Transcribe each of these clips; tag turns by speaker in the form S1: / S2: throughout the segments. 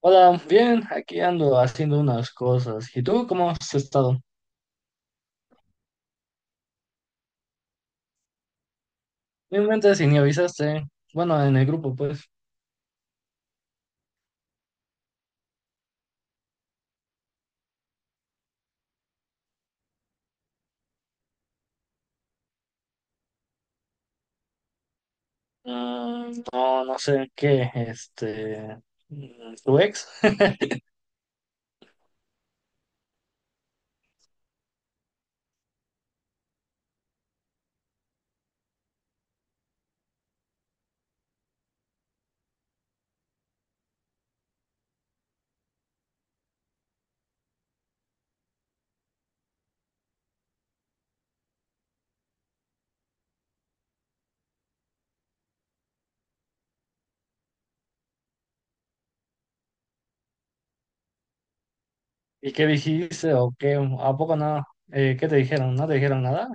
S1: Hola, bien, aquí ando haciendo unas cosas. ¿Y tú cómo has estado? Ni me mentes y ni avisaste. Bueno, en el grupo, pues. Mm, no, no sé qué, tu ex. ¿Y qué dijiste o qué? ¿A poco no? ¿Qué te dijeron? ¿No te dijeron nada?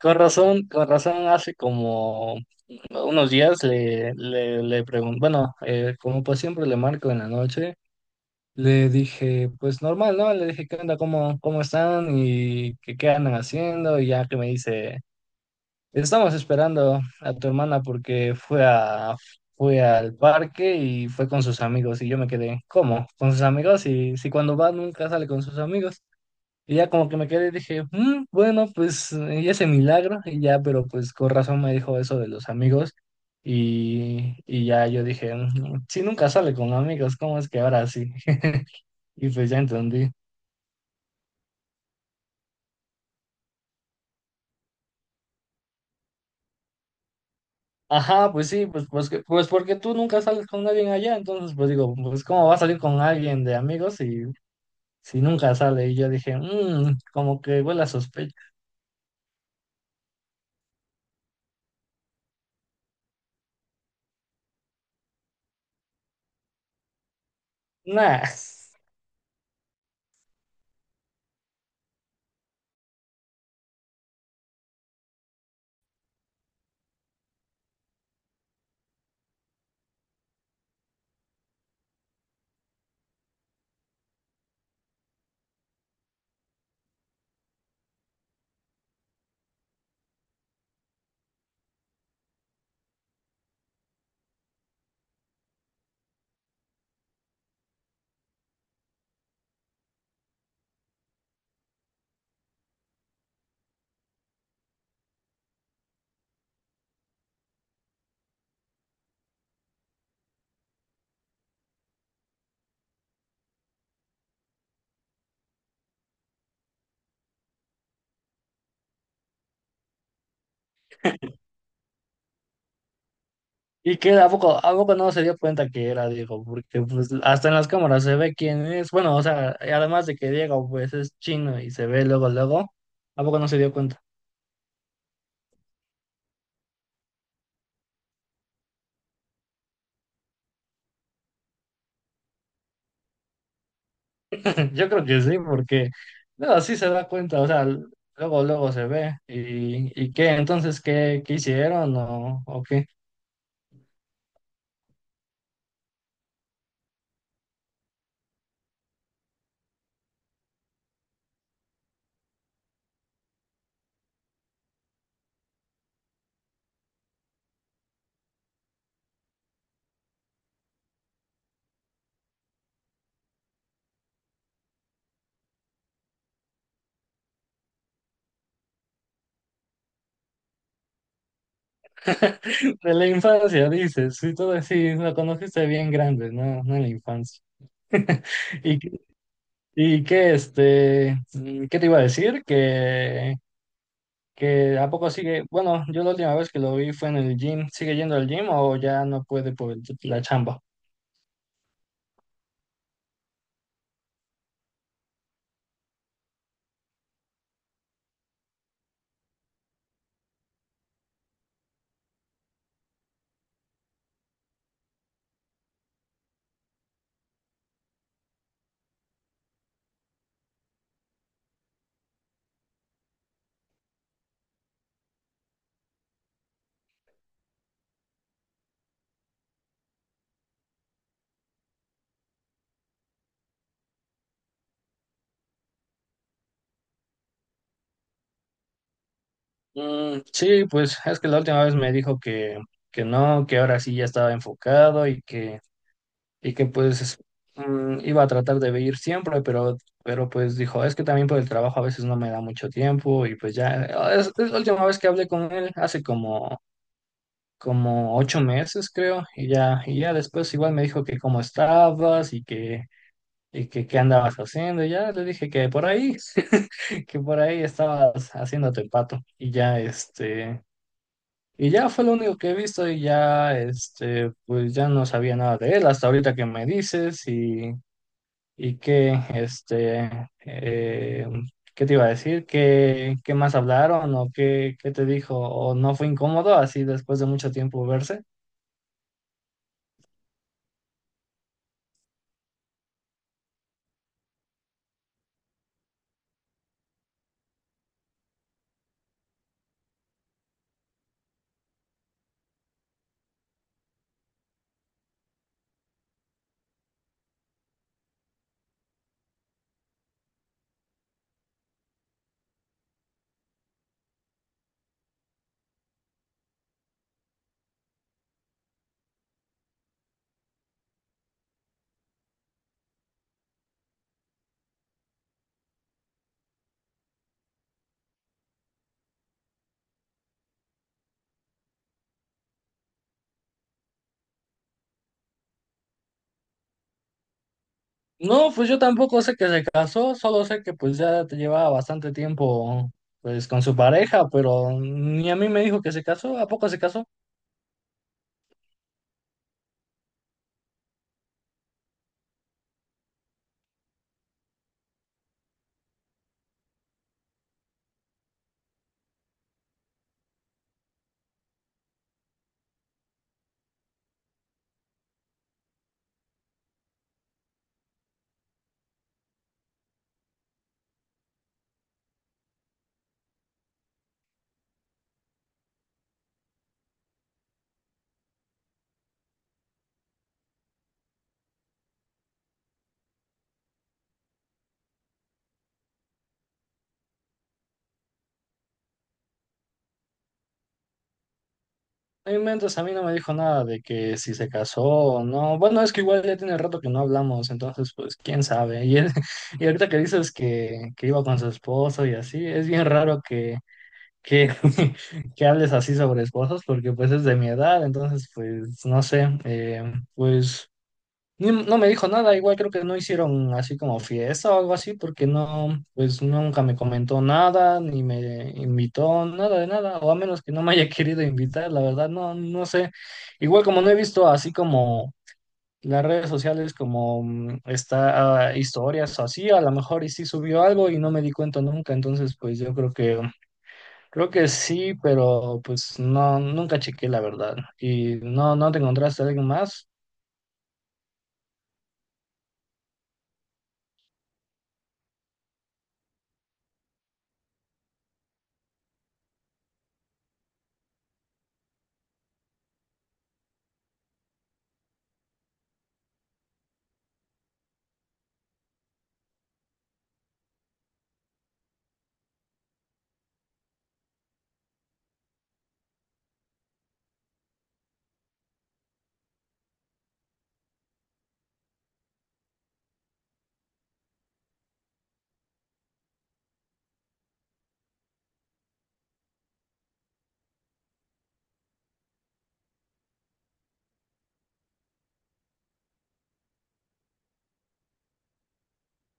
S1: Con razón, hace como unos días le pregunté, bueno, como pues siempre le marco en la noche. Le dije, pues normal, ¿no? Le dije, ¿qué onda? ¿Cómo están? ¿Qué andan haciendo? Y ya que me dice, estamos esperando a tu hermana porque fue al parque y fue con sus amigos. Y yo me quedé, ¿cómo? ¿Con sus amigos? Y si cuando va nunca sale con sus amigos. Y ya como que me quedé y dije, "Mm, bueno, pues y ese milagro". Y ya, pero pues con razón me dijo eso de los amigos. Y ya yo dije, "Mm, si nunca sale con amigos, ¿cómo es que ahora sí?" Y pues ya entendí. Ajá, pues sí, pues porque tú nunca sales con alguien allá, entonces pues digo, pues cómo va a salir con alguien de amigos si, si nunca sale. Y yo dije, como que huele a sospecha. Nah. Y que a poco no se dio cuenta que era Diego, porque pues hasta en las cámaras se ve quién es. Bueno, o sea, además de que Diego pues es chino y se ve luego, luego, ¿a poco no se dio cuenta? Yo creo que sí, porque no, sí se da cuenta, o sea, luego, luego se ve. Y qué? Entonces, ¿qué hicieron o qué? De la infancia, dices, sí, todo así, lo conociste bien grande, ¿no? No en la infancia. ¿Y, qué- Qué te iba a decir? Que ¿a poco sigue? Bueno, yo la última vez que lo vi fue en el gym. ¿Sigue yendo al gym o ya no puede por la chamba? Mm, sí, pues es que la última vez me dijo que no, que ahora sí ya estaba enfocado y que pues iba a tratar de ir siempre, pero pues dijo, es que también por el trabajo a veces no me da mucho tiempo y pues ya, ah, es la última vez que hablé con él, hace como, como ocho meses creo, y ya después igual me dijo que cómo estabas y que qué andabas haciendo, y ya le dije que por ahí, que por ahí estabas haciéndote pato y ya este... Y ya fue lo único que he visto y ya, este, pues ya no sabía nada de él hasta ahorita que me dices y ¿qué te iba a decir? ¿Qué, qué más hablaron o qué, qué te dijo? ¿O no fue incómodo así después de mucho tiempo verse? No, pues yo tampoco sé que se casó, solo sé que pues ya te llevaba bastante tiempo pues con su pareja, pero ni a mí me dijo que se casó, ¿a poco se casó? No inventes, a mí no me dijo nada de que si se casó o no. Bueno, es que igual ya tiene rato que no hablamos, entonces pues quién sabe. Y, él- y ahorita que dices que iba con su esposo y así, es bien raro que, que hables así sobre esposos porque pues es de mi edad, entonces pues no sé, pues... Ni- No me dijo nada, igual creo que no hicieron así como fiesta o algo así, porque no, pues nunca me comentó nada, ni me invitó, nada de nada, o a menos que no me haya querido invitar, la verdad, no, no sé. Igual como no he visto así como las redes sociales, como está ah, historias o así, a lo mejor y sí subió algo y no me di cuenta nunca, entonces pues yo creo que sí, pero pues no, nunca chequé la verdad. ¿Y no, no te encontraste a alguien más?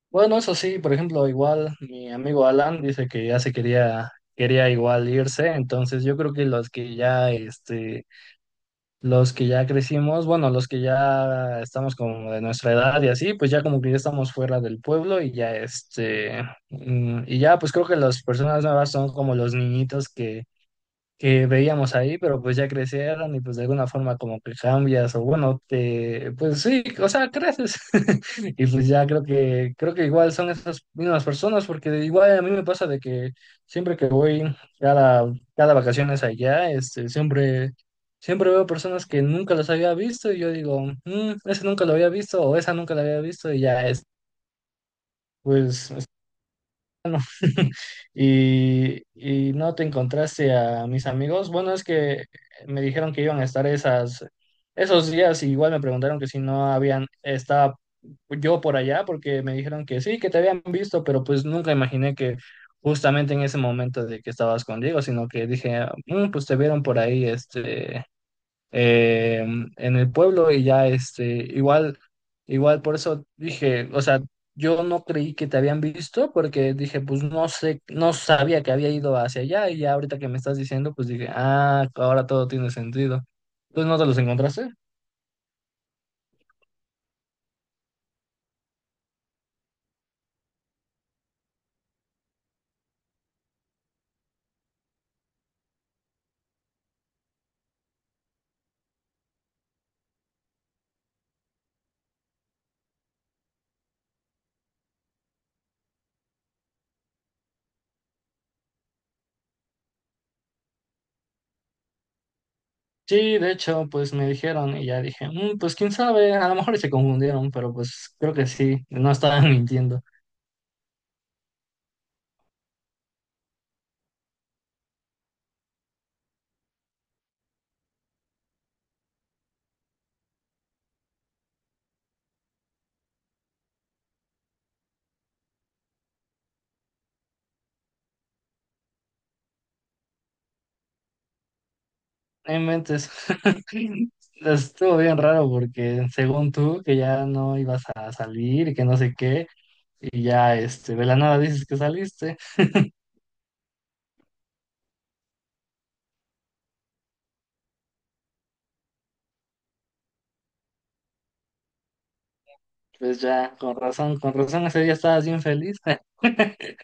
S1: Bueno, eso sí, por ejemplo, igual mi amigo Alan dice que ya se quería, quería igual irse, entonces yo creo que los que ya, este, los que ya crecimos, bueno, los que ya estamos como de nuestra edad y así, pues ya como que ya estamos fuera del pueblo y ya, este, y ya, pues creo que las personas nuevas son como los niñitos que veíamos ahí, pero pues ya crecieron y pues de alguna forma como que cambias o bueno, te, pues sí, o sea, creces. Y pues ya creo que igual son esas mismas personas, porque igual a mí me pasa de que siempre que voy cada, cada vacaciones allá, este, siempre, siempre veo personas que nunca las había visto y yo digo, "Mm, ese nunca lo había visto o esa nunca la había visto" y ya es. Pues y no te encontraste a mis amigos. Bueno, es que me dijeron que iban a estar esas, esos días, y igual me preguntaron que si no habían, estaba yo por allá, porque me dijeron que sí, que te habían visto, pero pues nunca imaginé que justamente en ese momento de que estabas con Diego, sino que dije, "Ah, Mm, pues te vieron por ahí, eh, en el pueblo" y ya este, igual, igual por eso dije, o sea, yo no creí que te habían visto porque dije, pues no sé, no sabía que había ido hacia allá y ya ahorita que me estás diciendo, pues dije, ah, ahora todo tiene sentido. Pues no te los encontraste. Sí, de hecho, pues me dijeron y ya dije, "Mm, pues quién sabe, a lo mejor y se confundieron, pero pues creo que sí, no estaban mintiendo". No inventes. Estuvo bien raro porque según tú que ya no ibas a salir y que no sé qué, y ya este, de la nada dices que saliste, pues ya, con razón ese día estabas bien feliz.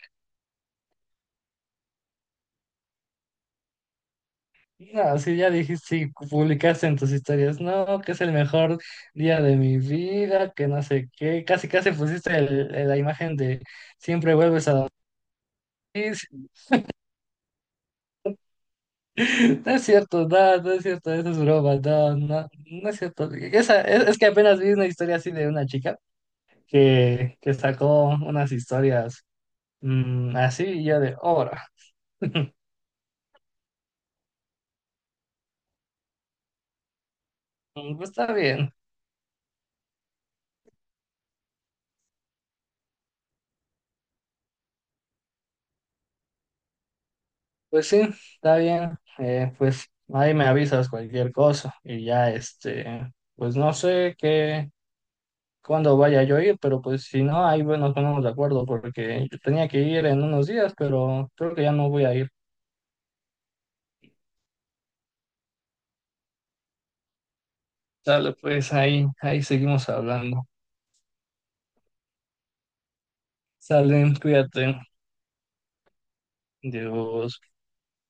S1: No, sí, ya dijiste, sí, publicaste en tus historias, no, que es el mejor día de mi vida, que no sé qué, casi casi pusiste la imagen de siempre vuelves a dormir. No es cierto, no, no es cierto, eso es broma, no, no, no es cierto. Esa, es que apenas vi una historia así de una chica que sacó unas historias así y yo de obra. Pues está bien, pues sí, está bien, pues ahí me avisas cualquier cosa y ya este, pues no sé qué, cuándo vaya yo a ir, pero pues si no, ahí bueno, nos ponemos de acuerdo porque yo tenía que ir en unos días, pero creo que ya no voy a ir. Sale, pues ahí, ahí seguimos hablando. Salen, cuídate. Dios.